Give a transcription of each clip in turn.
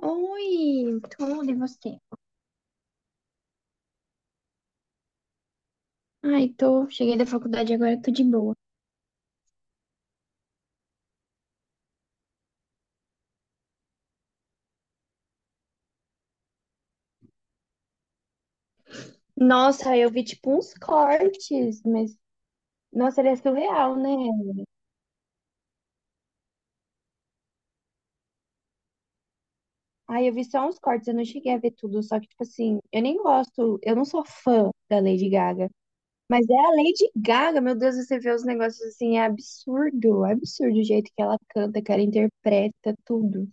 Oi, tudo e você? Ai, tô, cheguei da faculdade agora, tô de boa. Nossa, eu vi tipo uns cortes, mas nossa, ele é surreal, né? Ai, eu vi só uns cortes, eu não cheguei a ver tudo, só que tipo assim, eu nem gosto, eu não sou fã da Lady Gaga, mas é a Lady Gaga, meu Deus, você vê os negócios assim, é absurdo o jeito que ela canta, que ela interpreta tudo.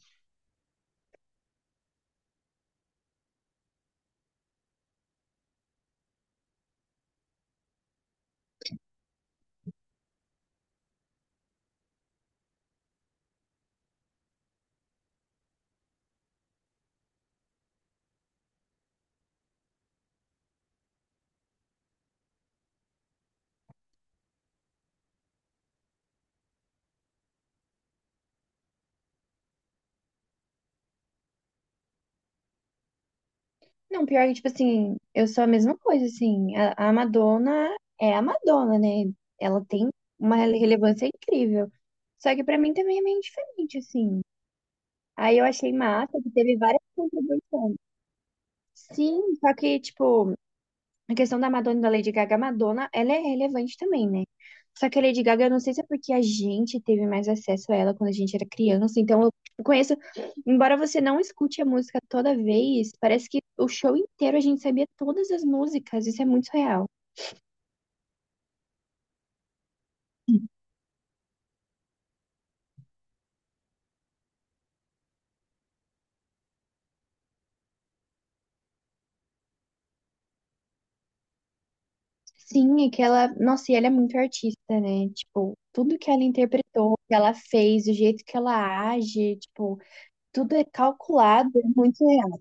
Não, pior que, tipo assim, eu sou a mesma coisa, assim. A Madonna é a Madonna, né? Ela tem uma relevância incrível. Só que pra mim também é meio diferente, assim. Aí eu achei massa que teve várias contribuições. Sim, só que, tipo, a questão da Madonna e da Lady Gaga, a Madonna, ela é relevante também, né? Só que a Lady Gaga, eu não sei se é porque a gente teve mais acesso a ela quando a gente era criança, então eu conheço, embora você não escute a música toda vez, parece que o show inteiro a gente sabia todas as músicas, isso é muito real. Sim, é que ela, nossa, e ela é muito artista, né? Tipo, tudo que ela interpretou, que ela fez, o jeito que ela age, tipo, tudo é calculado, é muito real.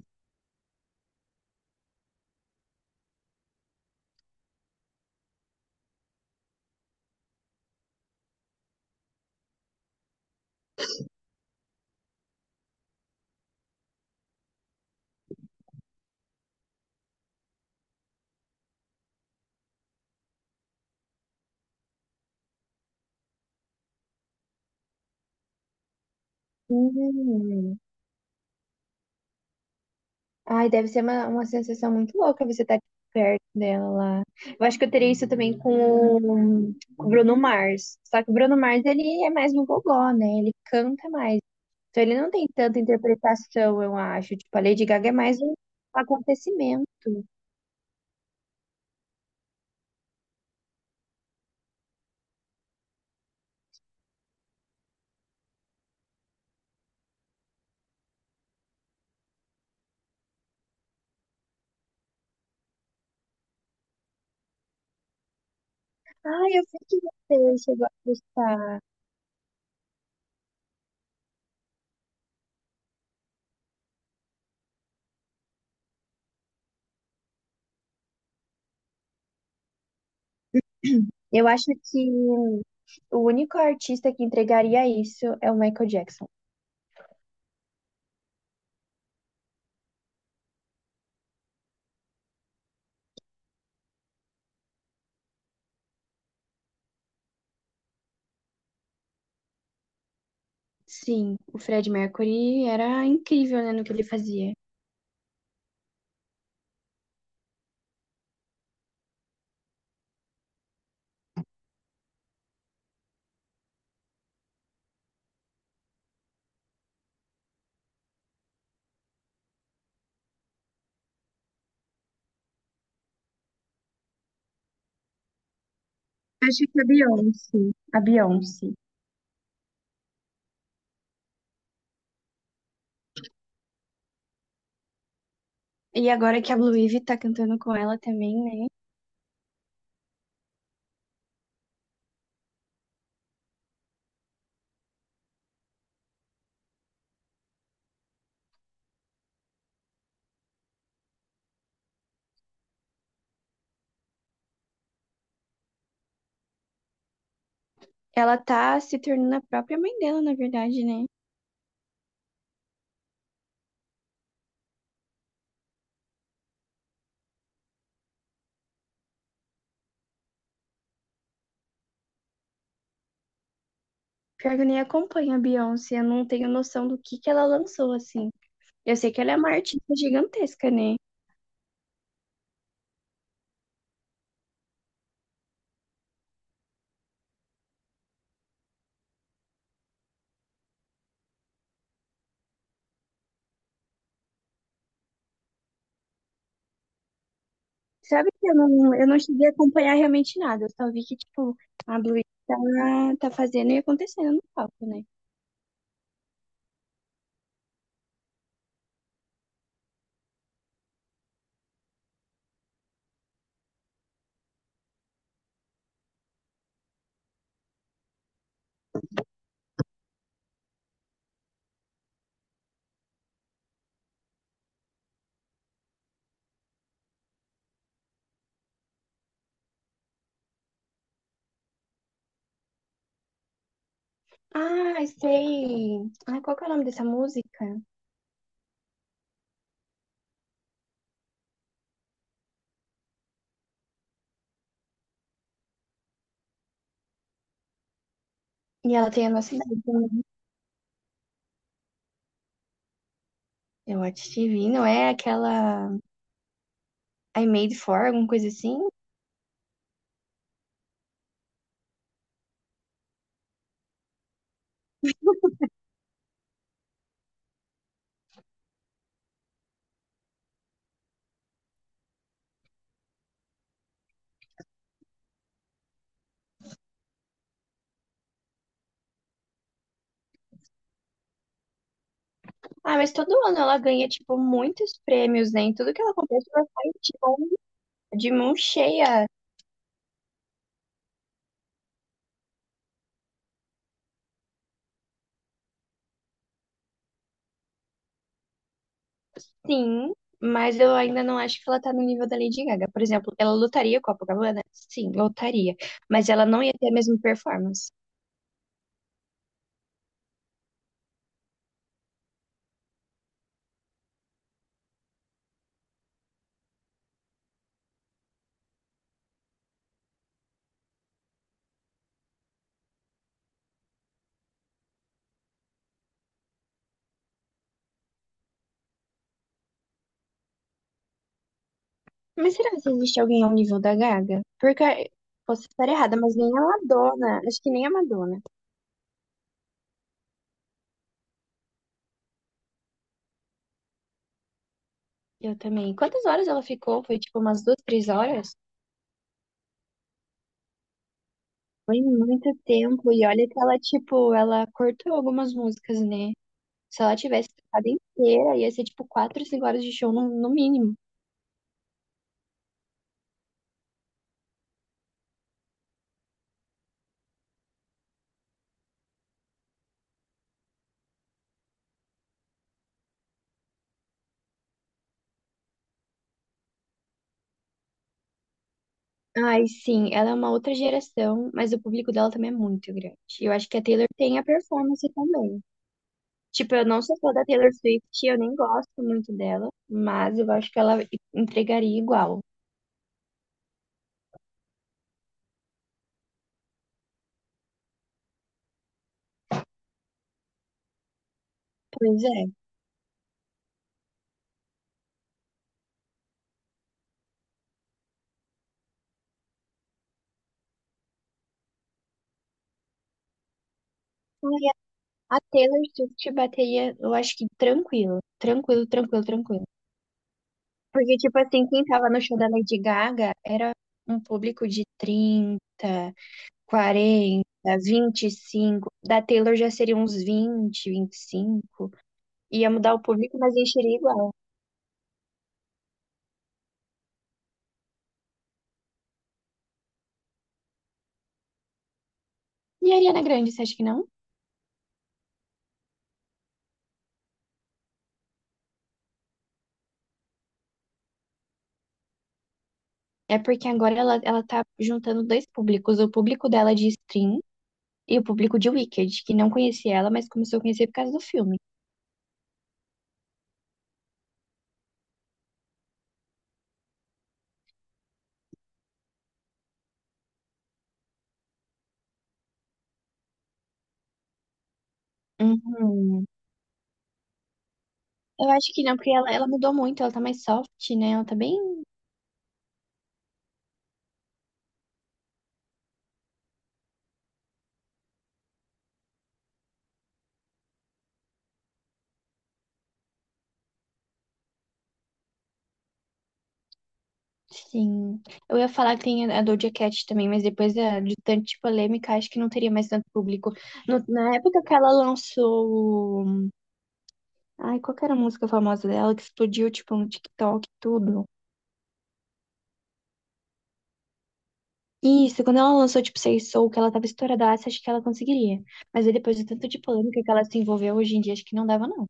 Sim. Ai, deve ser uma sensação muito louca você estar perto dela lá. Eu acho que eu teria isso também com o Bruno Mars. Só que o Bruno Mars, ele é mais um gogó, né? Ele canta mais. Então ele não tem tanta interpretação, eu acho. Tipo, a Lady Gaga é mais um acontecimento. Ai, eu sei que você chegou a gostar. Eu acho que o único artista que entregaria isso é o Michael Jackson. Sim, o Fred Mercury era incrível, né, no que ele fazia. Acho que a Beyoncé. A Beyoncé. E agora que a Blue Ivy tá cantando com ela também, né? Ela tá se tornando a própria mãe dela, na verdade, né? Pior que eu nem acompanho a Beyoncé, eu não tenho noção do que ela lançou, assim. Eu sei que ela é uma artista gigantesca, né? Sabe que eu não cheguei a acompanhar realmente nada, eu só vi que, tipo, a Blue Ivy tá fazendo e acontecendo no palco, né? Ah, sei! Ah, qual que é o nome dessa música? E ela tem a nossa idade também. Eu acho que vi, não é aquela. I Made For, alguma coisa assim. Ah, mas todo ano ela ganha, tipo, muitos prêmios, né? Em tudo que ela compete, ela sai tipo, de mão cheia. Sim, mas eu ainda não acho que ela tá no nível da Lady Gaga. Por exemplo, ela lutaria com a Copacabana? Sim, lutaria. Mas ela não ia ter a mesma performance. Mas será que existe alguém ao nível da Gaga? Porque, posso estar errada, mas nem a Madonna. Acho que nem a Madonna. Eu também. Quantas horas ela ficou? Foi, tipo, umas 2, 3 horas? Foi muito tempo, e olha que ela, tipo, ela cortou algumas músicas, né? Se ela tivesse tocado inteira, ia ser, tipo, 4, 5 horas de show no mínimo. Ai, sim, ela é uma outra geração, mas o público dela também é muito grande. E eu acho que a Taylor tem a performance também. Tipo, eu não sou fã da Taylor Swift, eu nem gosto muito dela, mas eu acho que ela entregaria igual. Pois é. Ai, a Taylor Swift bateria, eu acho que tranquilo, tranquilo, tranquilo, tranquilo. Porque, tipo assim, quem tava no show da Lady Gaga era um público de 30, 40, 25. Da Taylor já seria uns 20, 25. Ia mudar o público, mas encheria igual. E a Ariana Grande, você acha que não? É porque agora ela tá juntando dois públicos. O público dela de stream e o público de Wicked, que não conhecia ela, mas começou a conhecer por causa do filme. Uhum. Eu acho que não, porque ela mudou muito. Ela tá mais soft, né? Ela tá bem. Sim. Eu ia falar que tem a Doja Cat também, mas depois de tanta polêmica, acho que não teria mais tanto público. Na época que ela lançou. Ai, qual que era a música famosa dela que explodiu, tipo, no TikTok e tudo? Isso, quando ela lançou, tipo, Say Soul, que ela tava estouradaça, acho que ela conseguiria. Mas aí depois do tanto de polêmica que ela se envolveu hoje em dia, acho que não dava, não.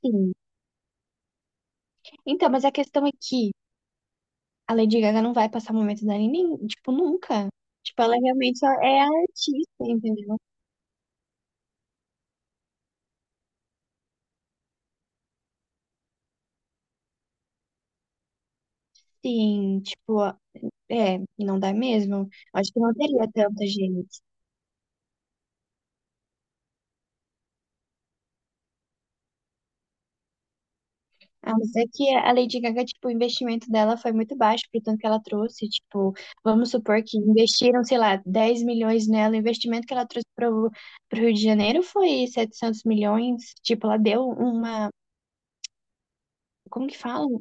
Sim. Então, mas a questão é que a Lady Gaga não vai passar momento dela, nem, tipo, nunca. Tipo, ela realmente só é artista, entendeu? Sim, tipo, é, não dá mesmo. Acho que não teria tanta gente. A não ser que a Lady Gaga, tipo, o investimento dela foi muito baixo, pro tanto que ela trouxe. Tipo, vamos supor que investiram, sei lá, 10 milhões nela. O investimento que ela trouxe pro Rio de Janeiro foi 700 milhões. Tipo, ela deu uma. Como que fala?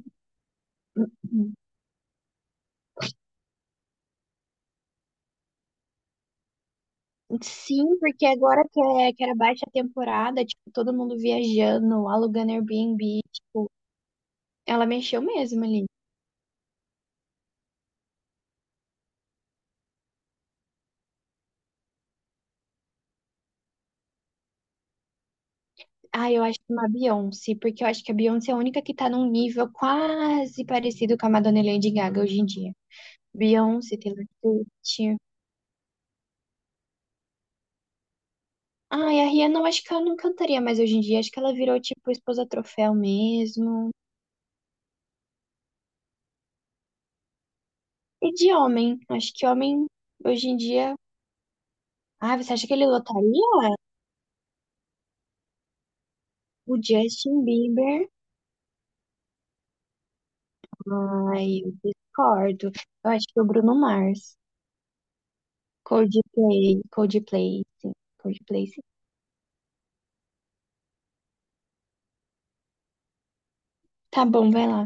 Sim, porque agora que, que era baixa temporada, tipo, todo mundo viajando, alugando Airbnb. Tipo, ela mexeu mesmo ali. Ah, eu acho uma Beyoncé, porque eu acho que a Beyoncé é a única que tá num nível quase parecido com a Madonna e Lady Gaga hoje em dia. Beyoncé, Taylor Swift. Ai, a Rihanna eu acho que ela não cantaria mais hoje em dia. Acho que ela virou tipo esposa troféu mesmo. E de homem, acho que homem hoje em dia. Ah, você acha que ele lotaria? O Justin Bieber? Ai, eu discordo. Eu acho que o Bruno Mars. Coldplay, Coldplay, sim. Coldplay, sim. Tá bom, vai lá.